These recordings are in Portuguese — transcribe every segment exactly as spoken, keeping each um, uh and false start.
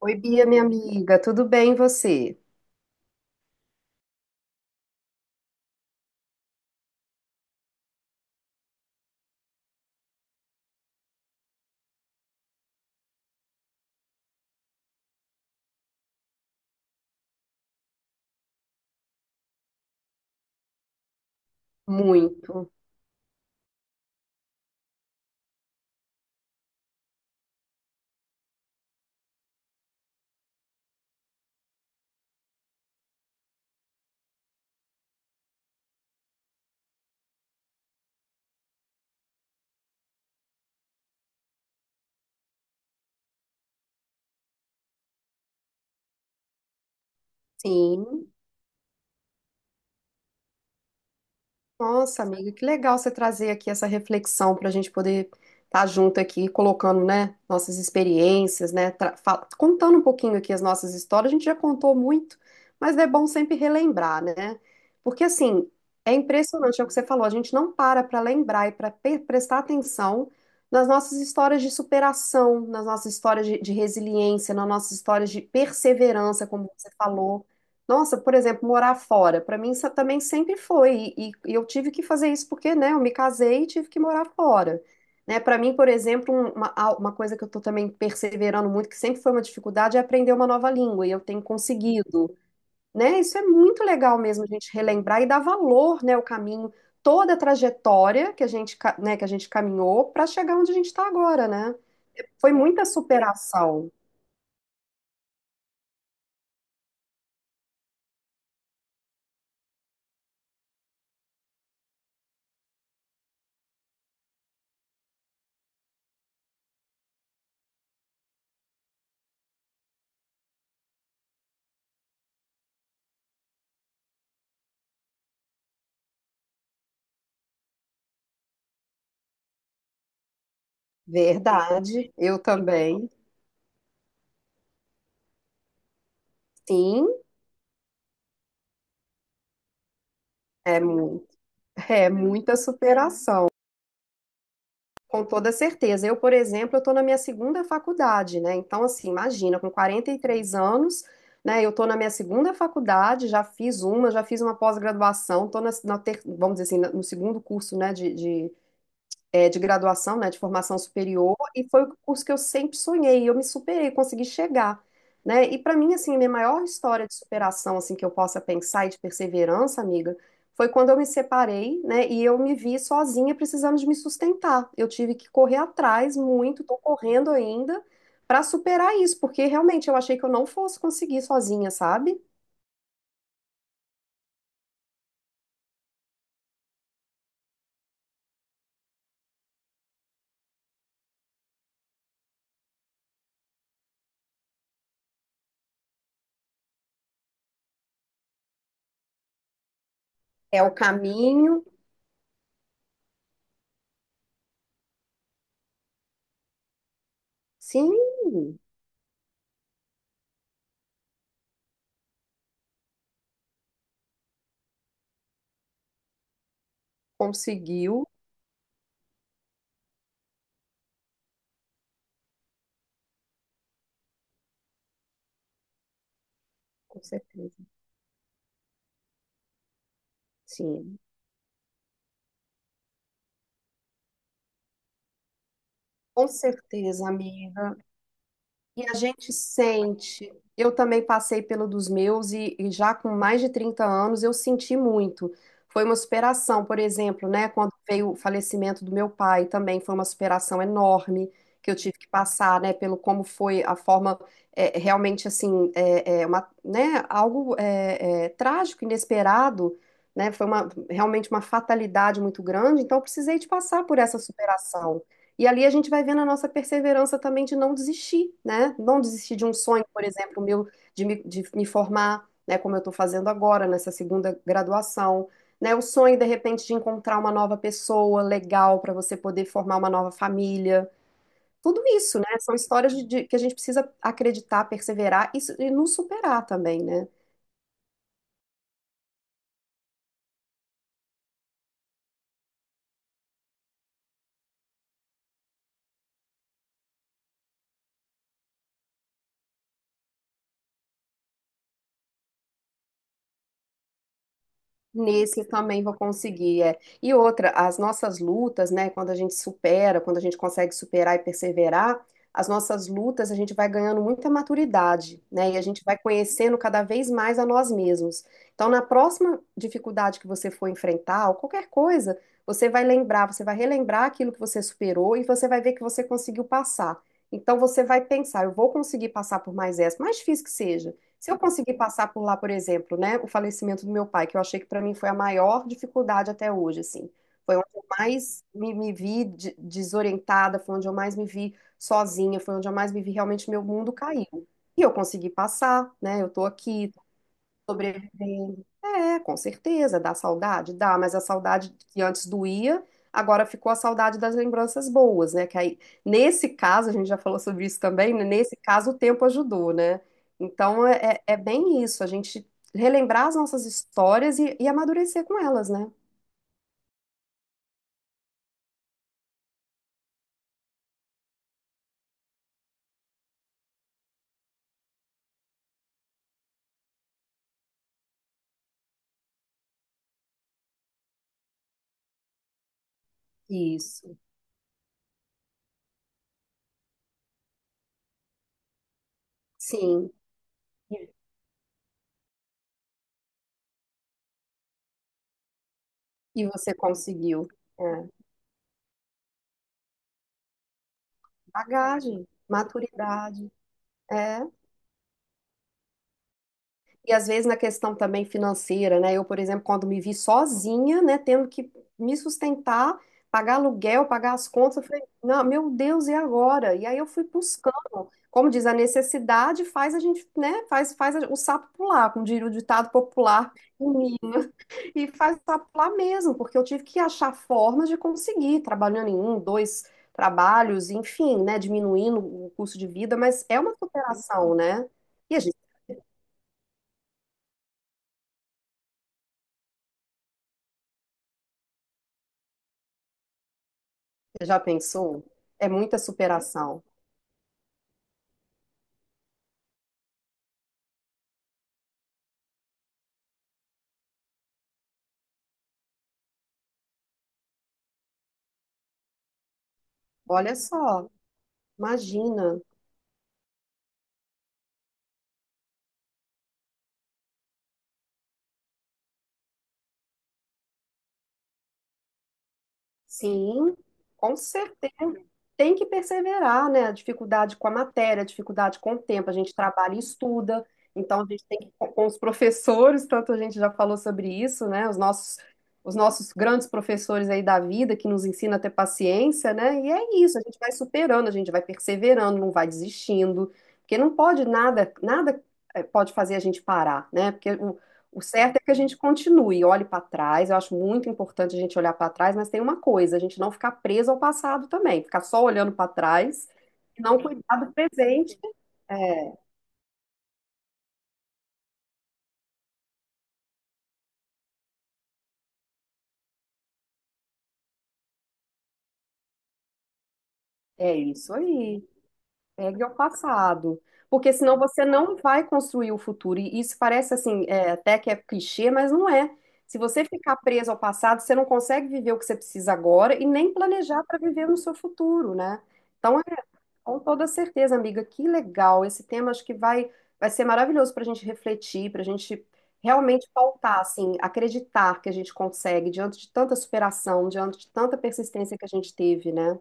Oi, Bia, minha amiga, tudo bem e você? Muito, sim. Nossa, amiga, que legal você trazer aqui essa reflexão para a gente poder estar junto aqui, colocando, né, nossas experiências, né, tra- fa- contando um pouquinho aqui as nossas histórias. A gente já contou muito, mas é bom sempre relembrar, né? Porque assim, é impressionante, é o que você falou, a gente não para para lembrar e para prestar atenção nas nossas histórias de superação, nas nossas histórias de, de resiliência, nas nossas histórias de perseverança, como você falou. Nossa, por exemplo, morar fora, para mim isso também sempre foi, e, e- e eu tive que fazer isso porque, né, eu me casei e tive que morar fora, né, para mim, por exemplo, um- uma, a- uma coisa que eu tô também perseverando muito, que sempre foi uma dificuldade, é aprender uma nova língua, e eu tenho conseguido, né, isso é muito legal mesmo, a gente relembrar e dar valor, né, o caminho, toda a trajetória que a gente, ca- né, que a gente caminhou para chegar onde a gente está agora, né, foi muita superação, verdade, eu também, sim, é muito. É muita superação, com toda certeza. Eu, por exemplo, eu estou na minha segunda faculdade, né? Então, assim, imagina, com quarenta e três anos, né? Eu estou na minha segunda faculdade, já fiz uma, já fiz uma pós-graduação, estou na, na ter- vamos dizer assim, na- no segundo curso, né, de, de é, de graduação, né, de formação superior, e foi o curso que eu sempre sonhei, e eu me superei, consegui chegar, né? E para mim, assim, a minha maior história de superação, assim, que eu possa pensar e de perseverança, amiga, foi quando eu me separei, né, e eu me vi sozinha precisando de me sustentar. Eu tive que correr atrás muito, tô correndo ainda para superar isso, porque realmente eu achei que eu não fosse conseguir sozinha, sabe? É o caminho. Sim, conseguiu, com certeza. Sim, com certeza, amiga. E a gente sente. Eu também passei pelo dos meus e, e já com mais de trinta anos eu senti muito. Foi uma superação, por exemplo, né? Quando veio o falecimento do meu pai também foi uma superação enorme que eu tive que passar, né? Pelo como foi a forma é, realmente assim, é, é uma, né? Algo é, é, trágico, inesperado, né? Foi uma, realmente uma fatalidade muito grande. Então eu precisei de passar por essa superação. E ali a gente vai vendo a nossa perseverança também de não desistir, né? Não desistir de um sonho, por exemplo, meu, de me, de me formar, né? Como eu estou fazendo agora, nessa segunda graduação, né? O sonho, de repente, de encontrar uma nova pessoa legal para você poder formar uma nova família. Tudo isso, né? São histórias de, de- que a gente precisa acreditar, perseverar e, su- e nos superar também, né? Nesse eu também vou conseguir, é. E outra, as nossas lutas, né, quando a gente supera, quando a gente consegue superar e perseverar, as nossas lutas a gente vai ganhando muita maturidade, né, e a gente vai conhecendo cada vez mais a nós mesmos. Então, na próxima dificuldade que você for enfrentar, ou qualquer coisa, você vai lembrar, você vai relembrar aquilo que você superou e você vai ver que você conseguiu passar. Então, você vai pensar, eu vou conseguir passar por mais essa, mais difícil que seja. Se eu conseguir passar por lá, por exemplo, né, o falecimento do meu pai, que eu achei que para mim foi a maior dificuldade até hoje, assim, foi onde eu mais me, me vi de- desorientada, foi onde eu mais me vi sozinha, foi onde eu mais me vi realmente meu mundo caiu. E eu consegui passar, né? Eu tô aqui. Sobreviver. É, com certeza, dá saudade, dá, mas a saudade que antes doía, agora ficou a saudade das lembranças boas, né? Que aí, nesse caso, a gente já falou sobre isso também, né? Nesse caso o tempo ajudou, né? Então é, é é bem isso, a gente relembrar as nossas histórias e, e amadurecer com elas, né? Isso, sim. E você conseguiu. É. Bagagem, maturidade. É. E às vezes na questão também financeira, né? Eu, por exemplo, quando me vi sozinha, né, tendo que me sustentar, pagar aluguel, pagar as contas, eu falei, não, meu Deus, e agora? E aí eu fui buscando. Como diz, a necessidade faz a gente, né, faz, faz a- o sapo pular, como diria o ditado popular em mim. E faz o sapo pular mesmo, porque eu tive que achar formas de conseguir, trabalhando em um, dois trabalhos, enfim, né, diminuindo o custo de vida, mas é uma superação, né? E a Você já pensou? É muita superação. Olha só, imagina. Sim, com certeza. Tem que perseverar, né? A dificuldade com a matéria, a dificuldade com o tempo. A gente trabalha e estuda, então a gente tem que, com com os professores, tanto a gente já falou sobre isso, né? Os nossos, os nossos grandes professores aí da vida, que nos ensina a ter paciência, né? E é isso, a gente vai superando, a gente vai perseverando, não vai desistindo, porque não pode nada, nada eh, pode fazer a gente parar, né? Porque o O certo é que a gente continue, olhe para trás. Eu acho muito importante a gente olhar para trás, mas tem uma coisa, a gente não ficar preso ao passado também, ficar só olhando para trás e não cuidar do presente. É, é isso aí. Pegue ao passado, porque senão você não vai construir o futuro. E isso parece assim, é, até que é clichê, mas não é. Se você ficar preso ao passado, você não consegue viver o que você precisa agora e nem planejar para viver no seu futuro, né? Então, é, com toda certeza, amiga, que legal. Esse tema acho que vai, vai ser maravilhoso para a gente refletir, para a gente realmente pautar, assim, acreditar que a gente consegue diante de tanta superação, diante de tanta persistência que a gente teve, né?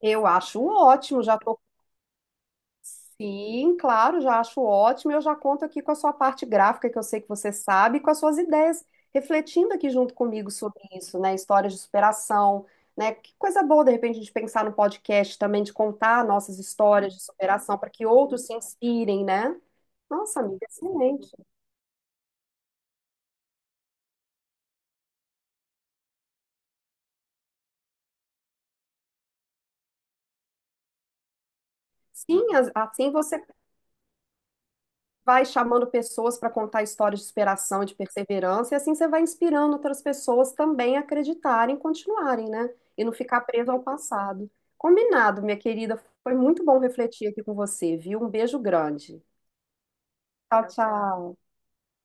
Eu acho ótimo, já tô Sim, claro, já acho ótimo. Eu já conto aqui com a sua parte gráfica, que eu sei que você sabe, e com as suas ideias, refletindo aqui junto comigo sobre isso, né? Histórias de superação, né? Que coisa boa, de repente, a gente pensar no podcast também, de contar nossas histórias de superação para que outros se inspirem, né? Nossa, amiga, excelente. Sim, as- assim você vai chamando pessoas para contar histórias de superação, de perseverança, e assim você vai inspirando outras pessoas também a acreditarem, continuarem, né? E não ficar preso ao passado. Combinado, minha querida. Foi muito bom refletir aqui com você, viu? Um beijo grande. Tchau, tchau.